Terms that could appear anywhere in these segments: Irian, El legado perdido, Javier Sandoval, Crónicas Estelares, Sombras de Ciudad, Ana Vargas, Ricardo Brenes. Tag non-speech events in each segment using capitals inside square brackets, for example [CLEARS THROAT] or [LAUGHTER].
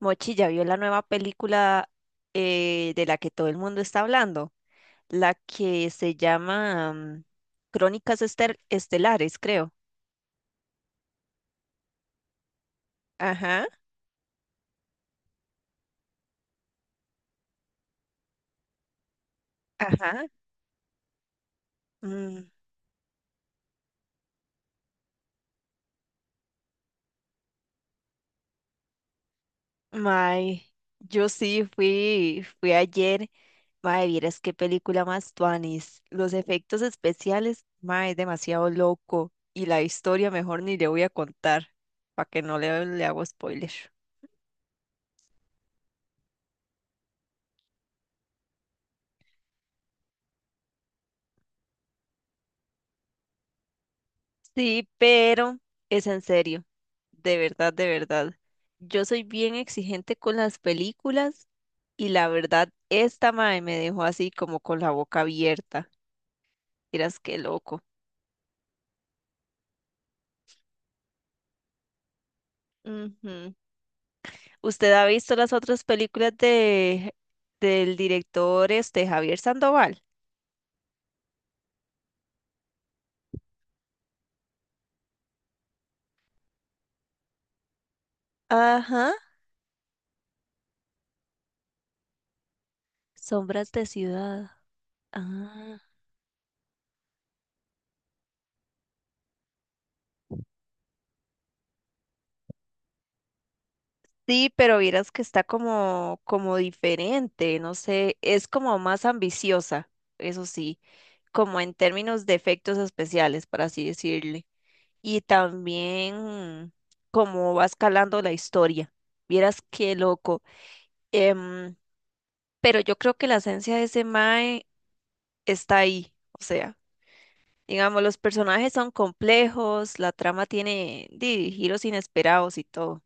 Mochi ya vio la nueva película de la que todo el mundo está hablando, la que se llama Crónicas Estelares, creo. Ajá, ajá. Mm, mae, yo sí fui ayer. Mae, vieras qué película más tuanis. Los efectos especiales, mae, es demasiado loco. Y la historia mejor ni le voy a contar, para que no le hago spoiler. Sí, pero es en serio, de verdad, de verdad. Yo soy bien exigente con las películas y la verdad, esta mae me dejó así como con la boca abierta. Miras qué loco. Ujú. ¿Usted ha visto las otras películas de del director este Javier Sandoval? Ajá, Sombras de Ciudad. Ah. Sí, pero vieras que está como diferente, no sé, es como más ambiciosa, eso sí. Como en términos de efectos especiales, por así decirle, y también cómo va escalando la historia. Vieras qué loco. Em, pero yo creo que la esencia de ese mae está ahí. O sea, digamos, los personajes son complejos, la trama tiene giros inesperados y todo.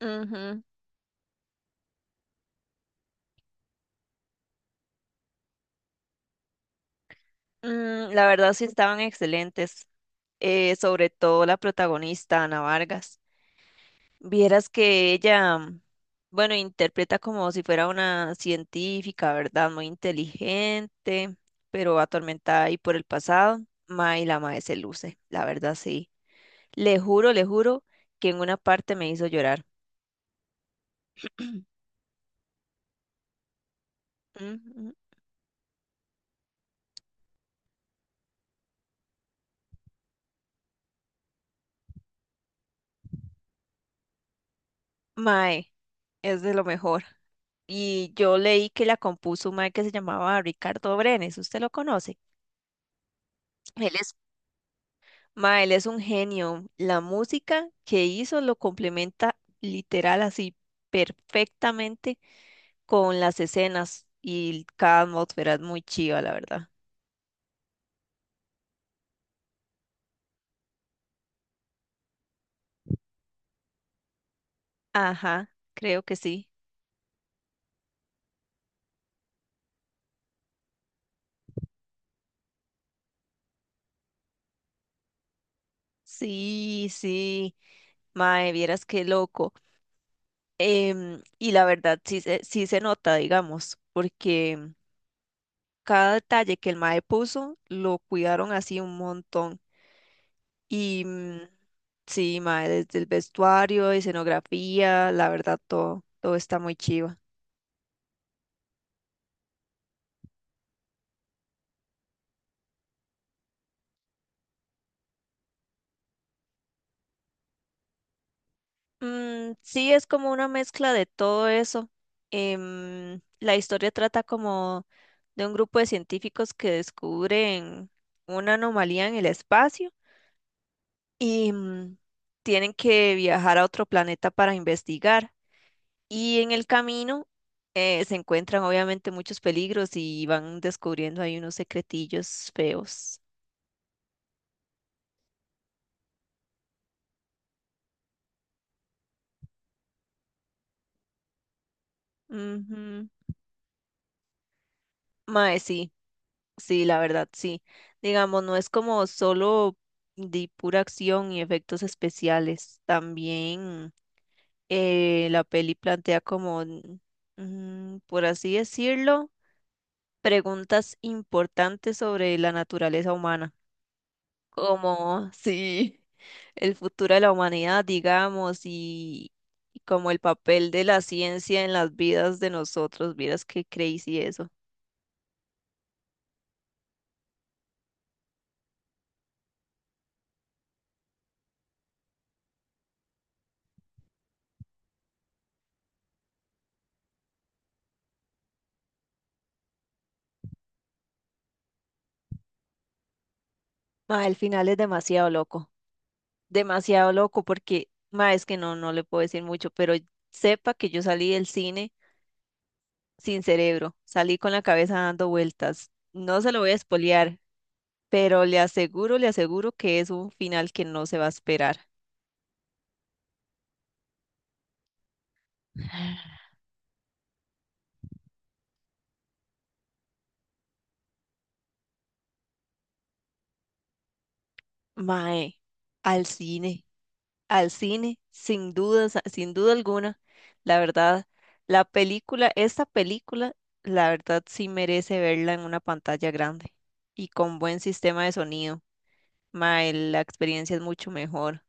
Ujú. La verdad sí estaban excelentes, sobre todo la protagonista, Ana Vargas. Vieras que ella, bueno, interpreta como si fuera una científica, ¿verdad? Muy inteligente, pero atormentada ahí por el pasado. Ma, la mae se luce, la verdad sí. Le juro que en una parte me hizo llorar. [CLEARS THROAT] Mm, Mae, es de lo mejor. Y yo leí que la compuso un mae que se llamaba Ricardo Brenes, ¿usted lo conoce? Él es Ma, él es un genio. La música que hizo lo complementa literal así perfectamente con las escenas y cada atmósfera es muy chiva, la verdad. Ajá, creo que sí. Sí, sí. Mae, vieras qué loco. Y la verdad sí, sí se nota, digamos, porque cada detalle que el mae puso lo cuidaron así un montón. Y sí, mae, desde el vestuario, escenografía, la verdad, todo, todo está muy chiva. Sí, es como una mezcla de todo eso. La historia trata como de un grupo de científicos que descubren una anomalía en el espacio y tienen que viajar a otro planeta para investigar. Y en el camino se encuentran obviamente muchos peligros y van descubriendo ahí unos secretillos feos. Ujú. Mae, sí, sí, la verdad, sí. Digamos, no es como solo de pura acción y efectos especiales. También la peli plantea por así decirlo, preguntas importantes sobre la naturaleza humana, como [LAUGHS] sí, el futuro de la humanidad, digamos, y como el papel de la ciencia en las vidas de nosotros. Vieras qué crazy eso. Mae, el final es demasiado loco. Demasiado loco porque, ma, es que no le puedo decir mucho, pero sepa que yo salí del cine sin cerebro, salí con la cabeza dando vueltas. No se lo voy a espolear, pero le aseguro que es un final que no se va a esperar. [SIGHS] Mae, al cine, al cine, sin dudas, sin duda alguna. La verdad, la película, esta película, la verdad sí merece verla en una pantalla grande y con buen sistema de sonido. Mae, la experiencia es mucho mejor.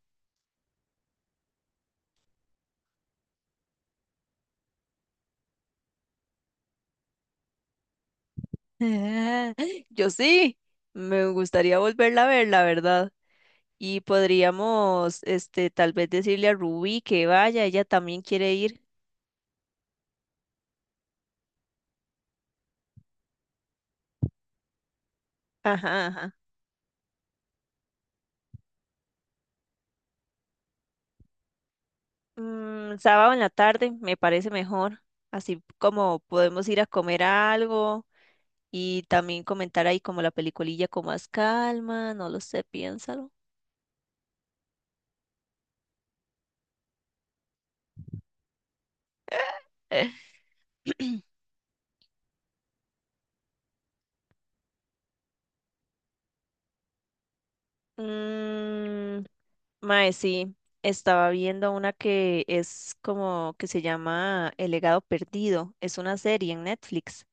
[LAUGHS] Yo sí, me gustaría volverla a ver, la verdad. Y podríamos, este, tal vez decirle a Ruby que vaya, ella también quiere ir. Ajá, ajá. Sábado en la tarde me parece mejor, así como podemos ir a comer algo y también comentar ahí como la peliculilla con más calma, no lo sé, piénsalo. [CLEARS THROAT] Mm, Mae, sí, estaba viendo una que es como que se llama El legado perdido. Es una serie en Netflix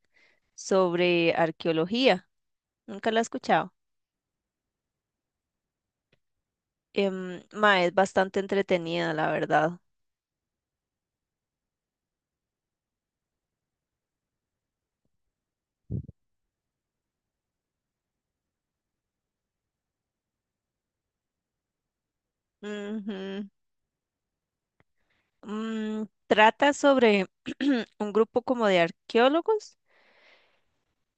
sobre arqueología. Nunca la he escuchado. Mae, es bastante entretenida, la verdad. Ujú. Trata sobre [CLEARS THROAT] un grupo como de arqueólogos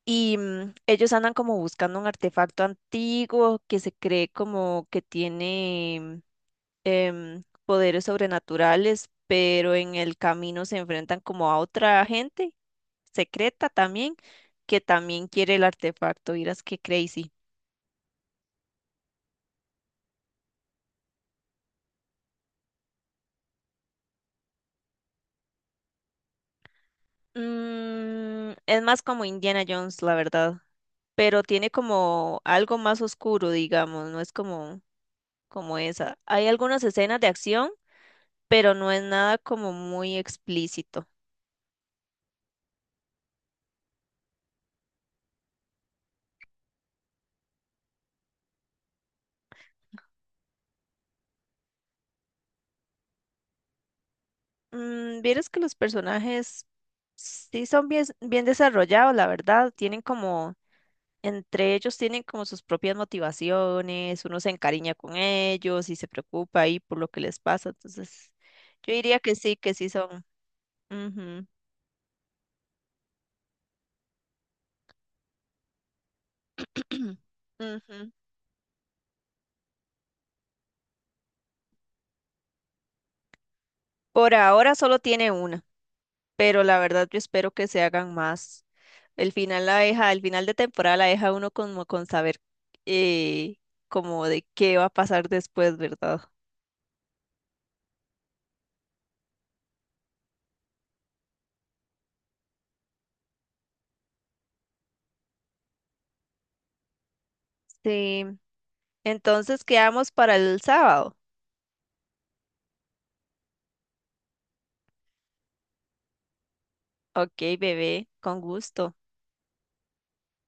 y ellos andan como buscando un artefacto antiguo que se cree como que tiene poderes sobrenaturales, pero en el camino se enfrentan como a otra gente secreta también, que también quiere el artefacto. Miras qué crazy. Es más como Indiana Jones, la verdad, pero tiene como algo más oscuro, digamos, no es como, como esa. Hay algunas escenas de acción, pero no es nada como muy explícito. Vieras que los personajes sí son bien desarrollados, la verdad, tienen como Entre ellos tienen como sus propias motivaciones, uno se encariña con ellos y se preocupa ahí por lo que les pasa. Entonces, yo diría que sí son. Ujú. [CLEARS THROAT] Ujú. Por ahora solo tiene una, pero la verdad yo espero que se hagan más. El final de temporada la deja uno como con saber eh, como de qué va a pasar después, ¿verdad? Sí. Entonces quedamos para el sábado. Ok, bebé, con gusto.